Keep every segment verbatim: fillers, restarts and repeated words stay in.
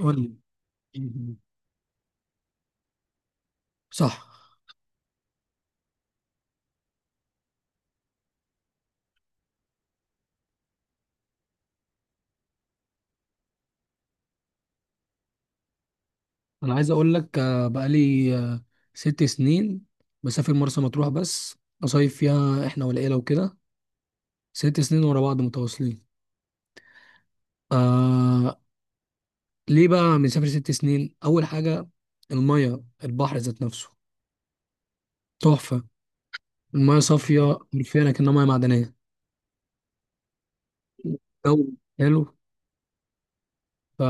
قول لي. صح. انا عايز اقول لك آه، بقالي آه، ست سنين بسافر مرسى مطروح بس، اصيف فيها احنا والعيله وكده. ست سنين ورا بعض متواصلين. آه ليه بقى بنسافر ست سنين؟ اول حاجه، الميه، البحر ذات نفسه تحفه، الميه صافيه حرفيا كأنها ميه معدنيه. جو حلو. ف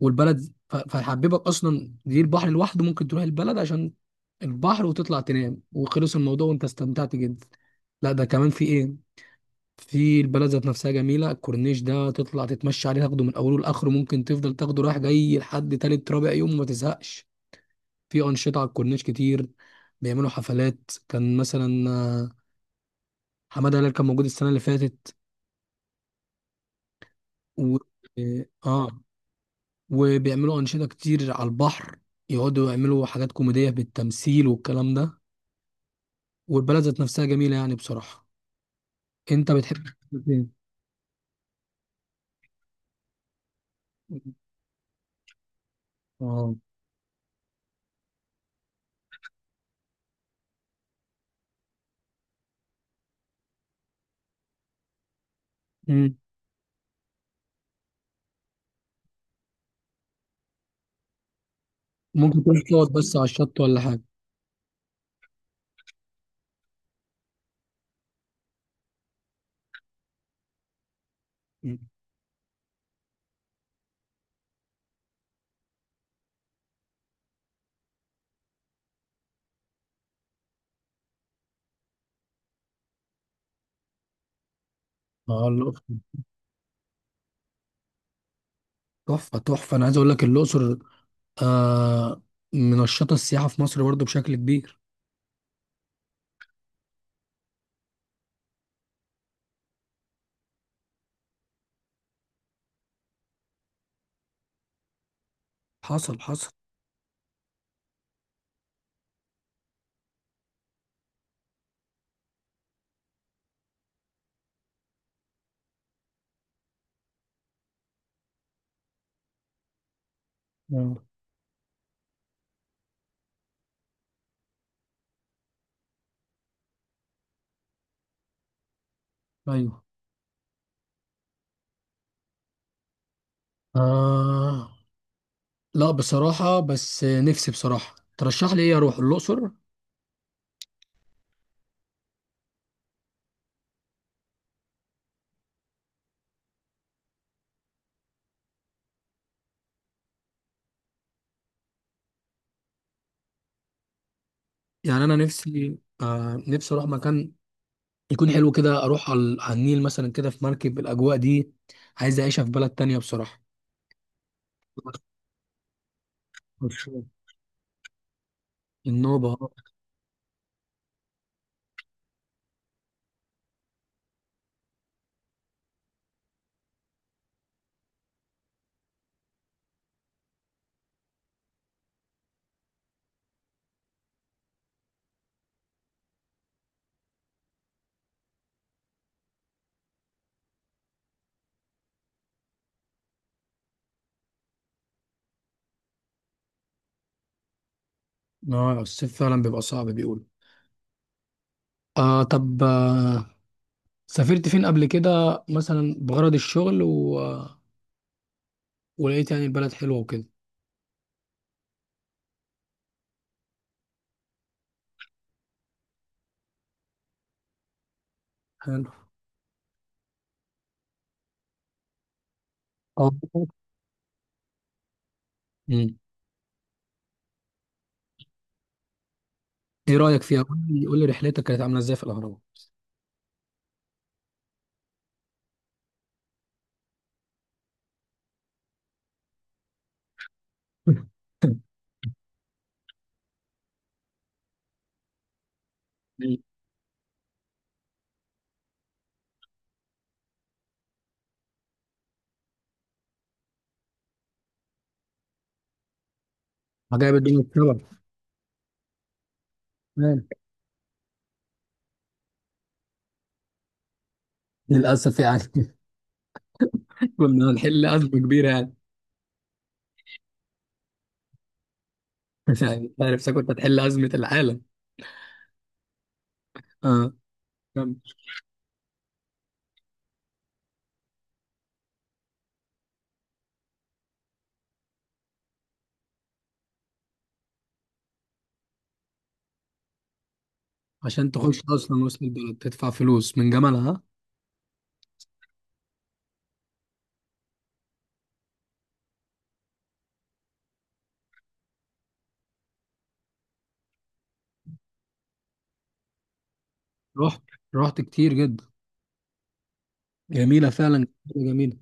والبلد ف- فهيحببك اصلا، دي البحر لوحده ممكن تروح البلد عشان البحر، وتطلع تنام وخلص الموضوع، وانت استمتعت جدا. لا ده كمان في ايه، في البلد ذات نفسها جميله، الكورنيش ده تطلع تتمشى عليه، تاخده من اوله لاخره، ممكن تفضل تاخده رايح جاي لحد تالت رابع يوم وما تزهقش. في انشطه على الكورنيش كتير، بيعملوا حفلات، كان مثلا آه، حماده هلال كان موجود السنه اللي فاتت. و... اه آه، وبيعملوا انشطه كتير على البحر، يقعدوا يعملوا حاجات كوميديه بالتمثيل والكلام ده. والبلد ذات نفسها جميله يعني بصراحه. انت بتحب إيه؟ اه. مم. ممكن تروح تقعد بس على الشط ولا حاجه. اه، الأقصر. تحفة تحفة، أنا عايز أقول لك الأقصر آه منشطة السياحة في مصر برضو بشكل كبير. حصل حصل. آه. أيوه. آه لا بصراحة، بس نفسي بصراحة ترشح لي إيه أروح الأقصر. يعني أنا نفسي آه نفسي أروح مكان يكون حلو كده، أروح على على النيل مثلا كده في مركب، الأجواء دي عايز أعيشها في بلد تانية بصراحة. مشروع النوبة. اه، الصيف فعلا بيبقى صعب بيقول. آه طب آه سافرت فين قبل كده مثلا بغرض الشغل و... ولقيت يعني البلد حلوة وكده؟ حلو. اه. مم. ايه رأيك فيها؟ قول لي قول لي رحلتك كانت عاملة ازاي في الأهرامات. مم. عجائب الدنيا السبع. تمام. للأسف يعني. كنا هنحل أزمة كبيرة يعني. يعني أنت عارف كنت هتحل أزمة العالم. اه. كمل. عشان تخش أصلا وسط البلد تدفع فلوس من جمالها، ها؟ رحت، رحت كتير جدا، جميلة فعلا جميلة.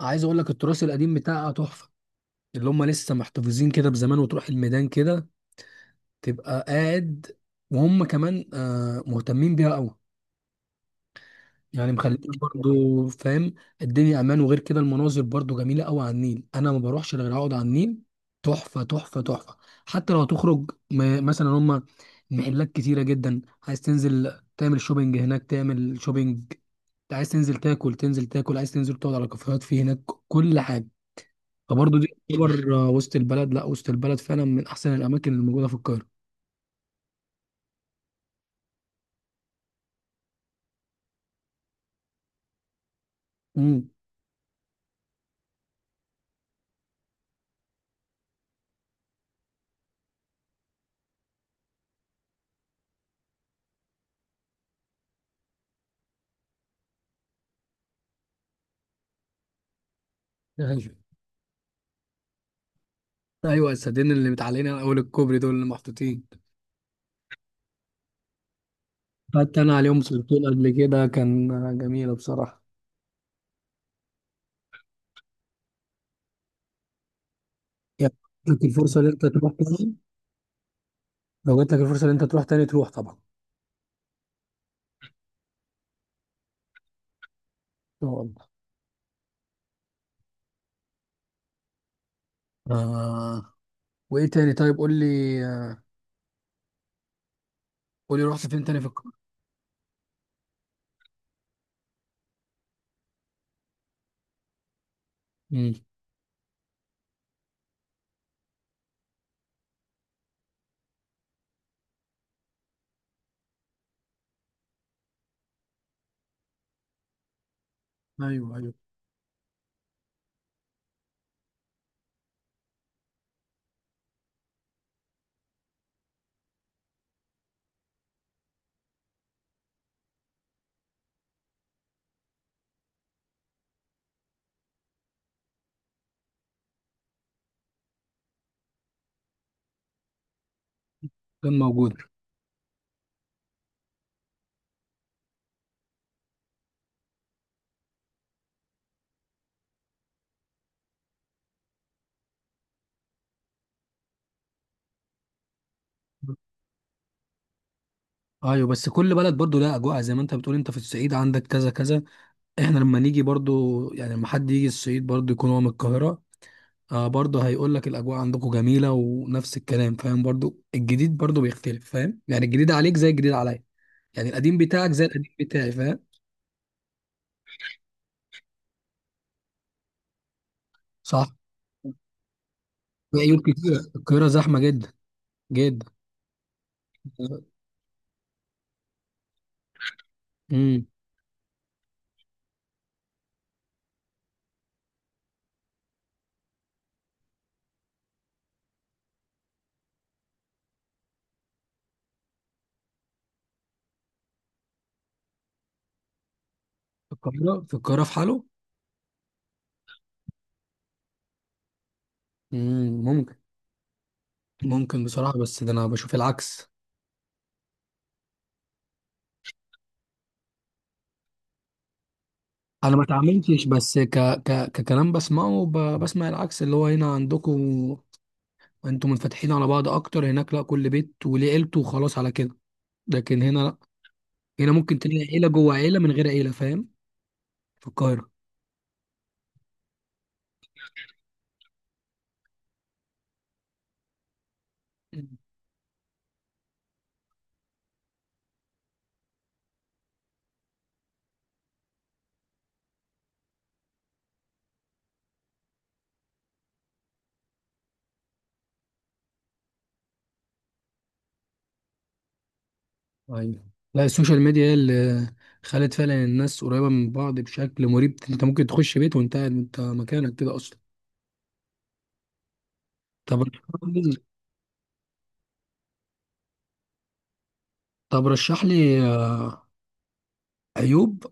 عايز أقول لك التراث القديم بتاعها تحفة، اللي هم لسه محتفظين كده بزمان، وتروح الميدان كده تبقى قاعد، وهم كمان آه، مهتمين بيها قوي، يعني مخليين برضو، فاهم؟ الدنيا امان، وغير كده المناظر برضو جميله قوي على النيل، انا ما بروحش غير اقعد على النيل، تحفه تحفه تحفه. حتى لو هتخرج م- مثلا، هم المحلات كتيره جدا، عايز تنزل تعمل شوبينج هناك تعمل شوبينج، عايز تنزل تاكل تنزل تاكل، عايز تنزل تقعد على كافيهات في هناك، كل حاجه. فبرضه دي تعتبر آه، وسط البلد، لا وسط البلد فعلا من احسن الاماكن اللي موجوده في القاهره. امم. ايوه ايوه، السدين اللي متعلقين على اول الكوبري دول اللي محطوطين. حتى انا عليهم سلطون قبل كده، كان آه، جميله بصراحه. يعني لو جاتلك الفرصه ان انت تروح تاني، لو جات لك الفرصه ان انت تروح تاني تروح طبعا ان شاء الله. آه. وايه تاني طيب؟ قول لي آه، قول لي رحت فين تاني في القاهره. امم. ايوه ايوه. كان موجود. ايوه، بس كل بلد برضو لها اجواء، زي ما انت بتقول انت في الصعيد عندك كذا كذا، احنا لما نيجي برضو، يعني لما حد يجي الصعيد برضو يكون هو من القاهرة، آه برضو هيقول لك الأجواء عندكم جميلة ونفس الكلام، فاهم؟ برضو الجديد برضو بيختلف، فاهم؟ يعني الجديد عليك زي الجديد عليا، يعني القديم بتاعك زي القديم بتاعي، فاهم؟ صح. في عيوب كتيرة، القاهرة زحمة جدا جدا. امم. في القاهرة في القاهرة في حاله. امم ممكن ممكن بصراحة، بس ده أنا بشوف العكس. أنا ما اتعاملتش، بس ك... ك... ككلام بسمعه، ب... بسمع العكس اللي هو هنا عندكم، انتوا منفتحين على بعض اكتر، هناك لا، كل بيت وليه عيلته وخلاص على كده. لكن هنا لا، هنا ممكن تلاقي عيله جوه عيله من غير عيله، فاهم؟ في القاهره. مم. ايوه. لا، السوشيال ميديا هي اللي خلت فعلا الناس قريبه من بعض بشكل مريب، انت ممكن تخش بيت وانت قاعد انت مكانك كده اصلا. طب رشح لي. طب رشح لي عيوب.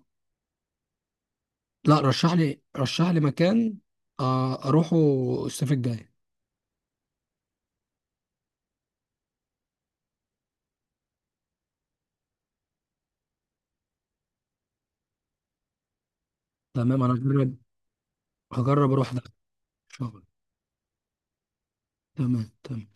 لا رشح لي رشح لي مكان آه، اروحه الصيف الجاي. تمام انا هجرب، هجرب اروح ده ان شاء الله. تمام تمام.